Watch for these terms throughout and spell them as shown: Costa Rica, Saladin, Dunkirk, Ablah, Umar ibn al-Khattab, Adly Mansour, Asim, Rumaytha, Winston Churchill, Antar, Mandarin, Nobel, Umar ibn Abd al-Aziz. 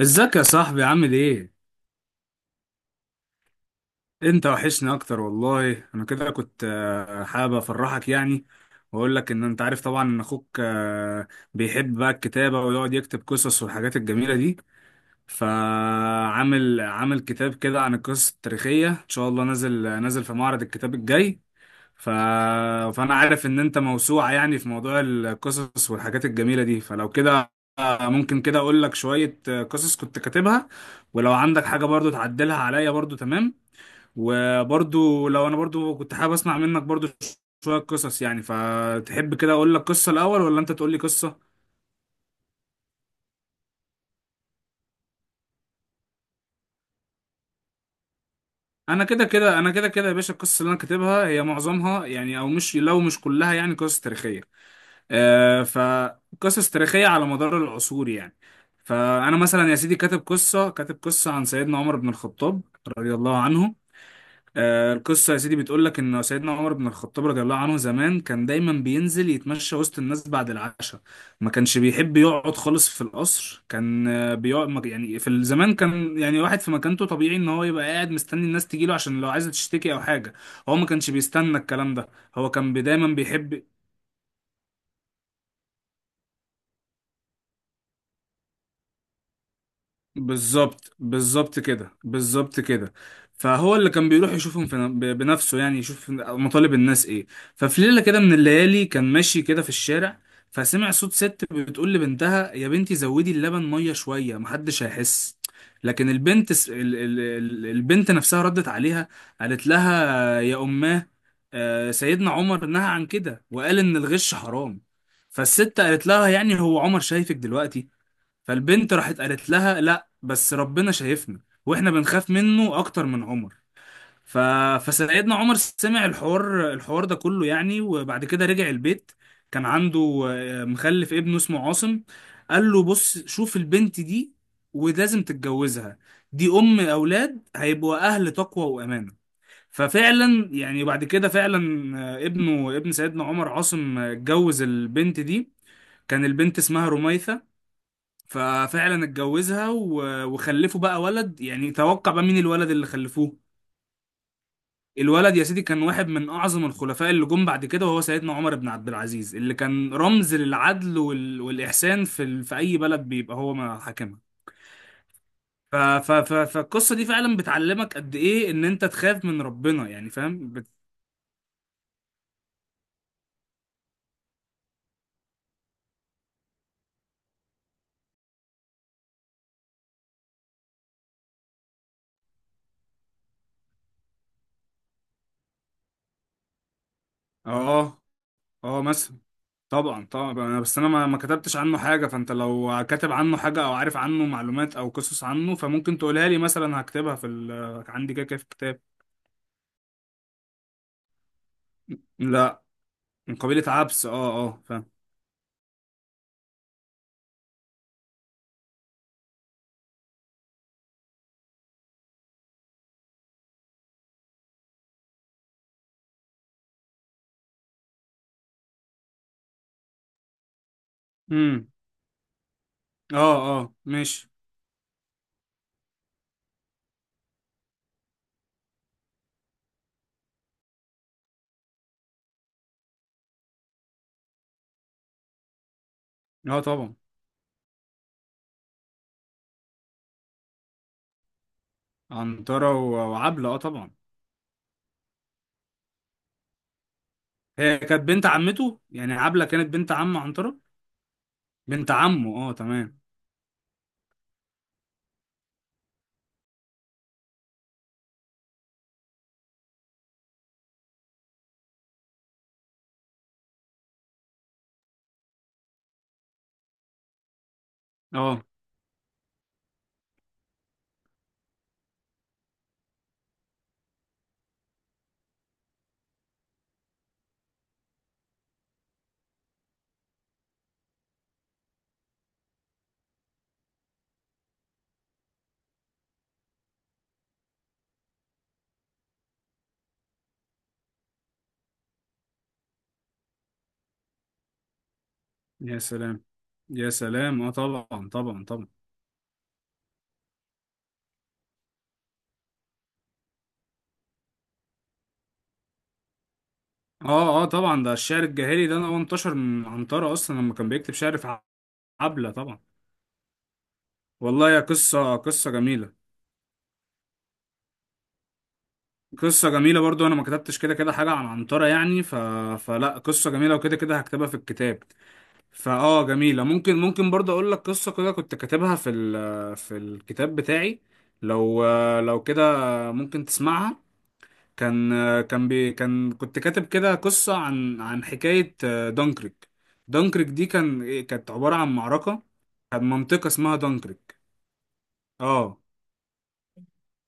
ازيك يا صاحبي، عامل ايه؟ انت وحشني اكتر والله. انا كده كنت حابب افرحك يعني، واقول لك ان انت عارف طبعا ان اخوك بيحب بقى الكتابة ويقعد يكتب قصص والحاجات الجميلة دي. فعامل كتاب كده عن القصص التاريخية، ان شاء الله نازل في معرض الكتاب الجاي. ف... فانا عارف ان انت موسوعة يعني في موضوع القصص والحاجات الجميلة دي، فلو كده ممكن كده اقول لك شوية قصص كنت كاتبها، ولو عندك حاجة برضو تعدلها عليا برضو، تمام. وبرضو لو انا برضو كنت حابب اسمع منك برضو شوية قصص يعني. فتحب كده اقول لك قصة الاول، ولا انت تقول لي قصة؟ انا كده كده يا باشا، القصص اللي انا كاتبها هي معظمها يعني، او مش، لو مش كلها يعني، قصص تاريخية. فقصص تاريخية على مدار العصور يعني. فأنا مثلا يا سيدي كاتب قصة عن سيدنا عمر بن الخطاب رضي الله عنه. القصة يا سيدي بتقول لك إن سيدنا عمر بن الخطاب رضي الله عنه زمان كان دايما بينزل يتمشى وسط الناس بعد العشاء. ما كانش بيحب يقعد خالص في القصر، كان بيقعد يعني في الزمان كان يعني واحد في مكانته طبيعي إن هو يبقى قاعد مستني الناس تجيله عشان لو عايزة تشتكي أو حاجة. هو ما كانش بيستنى الكلام ده، هو كان دايما بيحب. بالظبط، بالظبط كده، بالظبط كده. فهو اللي كان بيروح يشوفهم في بنفسه يعني، يشوف مطالب الناس ايه. ففي ليلة كده من الليالي كان ماشي كده في الشارع، فسمع صوت ست بتقول لبنتها: يا بنتي زودي اللبن مية شوية، محدش هيحس. لكن البنت، البنت نفسها ردت عليها، قالت لها: يا أماه، سيدنا عمر نهى عن كده وقال إن الغش حرام. فالست قالت لها: يعني هو عمر شايفك دلوقتي؟ فالبنت راحت قالت لها: لا، بس ربنا شايفنا، واحنا بنخاف منه اكتر من عمر. ف... فسيدنا عمر سمع الحوار ده كله يعني، وبعد كده رجع البيت. كان عنده مخلف ابنه اسمه عاصم. قال له: بص، شوف البنت دي ولازم تتجوزها، دي ام اولاد هيبقوا اهل تقوى وامانه. ففعلا يعني بعد كده فعلا، ابنه، ابن سيدنا عمر عاصم، اتجوز البنت دي. كان البنت اسمها رميثة. ففعلا اتجوزها وخلفوا بقى ولد. يعني توقع بقى مين الولد اللي خلفوه؟ الولد يا سيدي كان واحد من اعظم الخلفاء اللي جم بعد كده، وهو سيدنا عمر بن عبد العزيز اللي كان رمز للعدل والاحسان في اي بلد بيبقى هو ما حاكمها. فالقصه دي فعلا بتعلمك قد ايه ان انت تخاف من ربنا يعني، فاهم؟ اه، اه، مثلا. طبعا، طبعا. بس انا ما كتبتش عنه حاجه، فانت لو كاتب عنه حاجه او عارف عنه معلومات او قصص عنه فممكن تقولها لي مثلا، هكتبها عندي كده كده في الكتاب. لا، من قبيله عبس، اه، اه، فاهم. امم، اه، اه، ماشي، اه، طبعا. عنتره وعبله، اه، طبعا. هي كانت بنت عمته يعني، عبله كانت بنت عم عنتره. بنت عمه، اه، تمام. اه، يا سلام، يا سلام، اه، طبعا، طبعا، طبعا. اه، اه، طبعا. ده الشعر الجاهلي ده هو انتشر من عنترة اصلا لما كان بيكتب شعر في حبلة طبعا. والله، يا قصة قصة جميلة. قصة جميلة. برضو أنا ما كتبتش كده كده حاجة عن عنترة يعني. فلا، قصة جميلة وكده كده هكتبها في الكتاب. فآه، جميلة. ممكن برضو أقول لك قصة كده كنت كاتبها في الكتاب بتاعي. لو لو كده ممكن تسمعها. كان كان كان كنت كاتب كده قصة عن حكاية دانكريك. دانكريك دي كانت عبارة عن معركة، كان منطقة اسمها دانكريك، اه.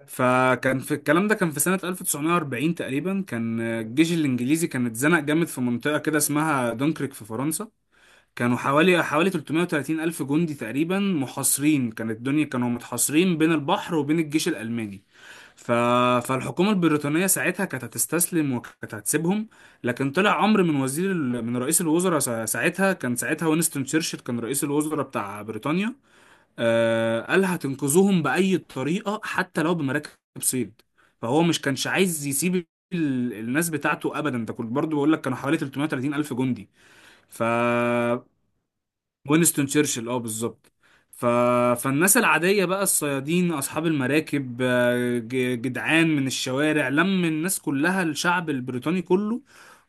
فكان في الكلام ده كان في سنة 1940 تقريبا، كان الجيش الإنجليزي كان اتزنق جامد في منطقة كده اسمها دونكرك في فرنسا. كانوا حوالي 330 ألف جندي تقريبا محاصرين، كانت الدنيا كانوا متحاصرين بين البحر وبين الجيش الألماني. ف... فالحكومة البريطانية ساعتها كانت هتستسلم وكانت هتسيبهم. لكن طلع أمر من من رئيس الوزراء ساعتها، كان ساعتها وينستون تشرشل كان رئيس الوزراء بتاع بريطانيا. قال: هتنقذوهم بأي طريقة حتى لو بمراكب صيد. فهو مش كانش عايز يسيب الناس بتاعته أبدا، ده كنت برضو بقول لك كانوا حوالي 330 ألف جندي. ف وينستون تشرشل، اه، بالظبط. ف... فالناس العادية بقى الصيادين أصحاب المراكب، جدعان من الشوارع، لم الناس كلها، الشعب البريطاني كله.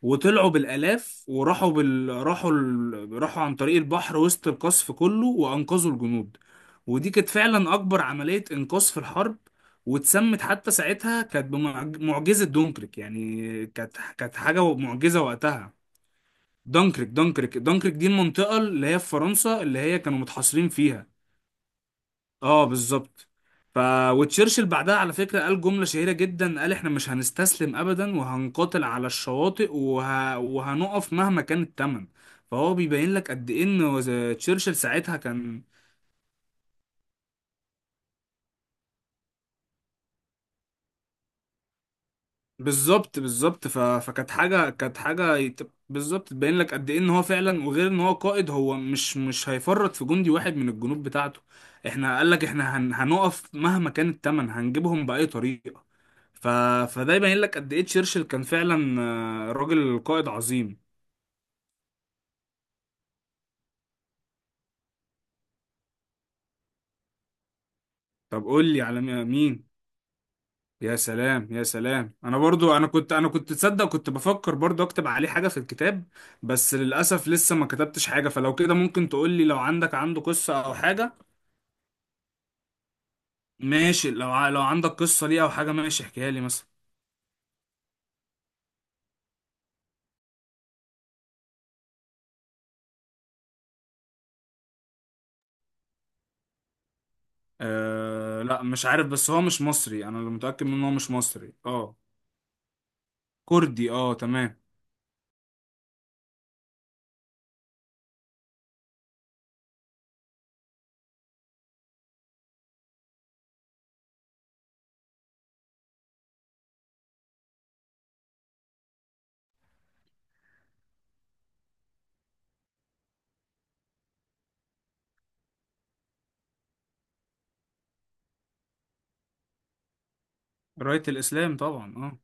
وطلعوا بالآلاف وراحوا بال... راحوا ال... راحوا عن طريق البحر وسط القصف كله وأنقذوا الجنود. ودي كانت فعلا أكبر عملية إنقاذ في الحرب، واتسمت حتى ساعتها كانت بمعجزة دونكرك يعني، كانت حاجة معجزة وقتها. دانكريك دي المنطقة اللي هي في فرنسا، اللي هي كانوا متحاصرين فيها، اه، بالظبط. ف وتشرشل بعدها على فكرة قال جملة شهيرة جدا، قال: احنا مش هنستسلم ابدا، وهنقاتل على الشواطئ، وهنقف مهما كان الثمن. فهو بيبين لك قد ايه ان تشرشل ساعتها كان، بالظبط. فكانت حاجه بالظبط تبين لك قد ايه ان هو فعلا، وغير ان هو قائد هو مش هيفرط في جندي واحد من الجنود بتاعته. احنا قال لك احنا هنقف مهما كان الثمن، هنجيبهم باي طريقه. ف... فده يبين لك قد ايه تشرشل كان فعلا راجل قائد عظيم. طب قول لي على مين؟ يا سلام، يا سلام، انا برضو، انا كنت تصدق كنت بفكر برضو اكتب عليه حاجة في الكتاب. بس للاسف لسه ما كتبتش حاجة، فلو كده ممكن تقول لي لو عنده قصة او حاجة. ماشي، لو عندك قصة ليه او حاجة، ماشي احكيها لي مثلا. أه، لا، مش عارف، بس هو مش مصري، انا اللي متأكد ان هو مش مصري، اه. كردي، اه، تمام. راية الاسلام طبعا، اه.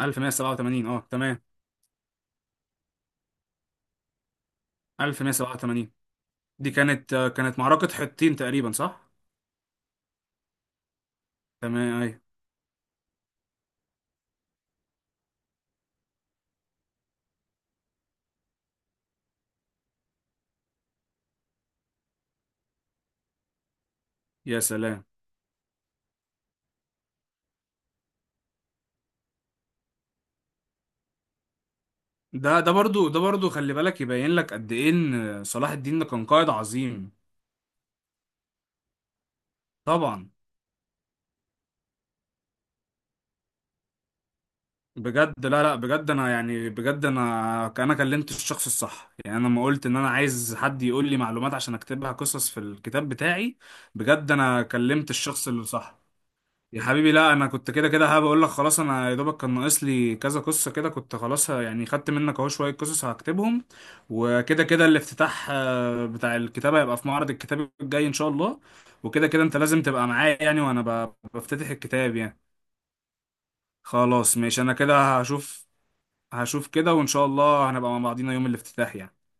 1187، اه، تمام. 1187، دي كانت معركة حطين تقريبا، صح. تمام، ايوه، يا سلام. ده برضو، ده برضو، خلي بالك يبين لك قد ايه ان صلاح الدين ده كان قائد عظيم. طبعا. بجد، لا لا، بجد انا يعني بجد، انا كلمت الشخص الصح يعني، انا لما قلت ان انا عايز حد يقول لي معلومات عشان اكتبها قصص في الكتاب بتاعي. بجد انا كلمت الشخص اللي صح. يا حبيبي، لا، انا كنت كده كده هبقول لك خلاص، انا يا دوبك كان ناقص لي كذا قصه كده، كنت خلاص يعني خدت منك اهو شويه قصص هكتبهم. وكده كده الافتتاح بتاع الكتابه هيبقى في معرض الكتاب الجاي ان شاء الله. وكده كده انت لازم تبقى معايا يعني وانا بفتتح الكتاب يعني. خلاص ماشي، انا كده هشوف كده، وان شاء الله هنبقى مع بعضينا يوم الافتتاح يعني.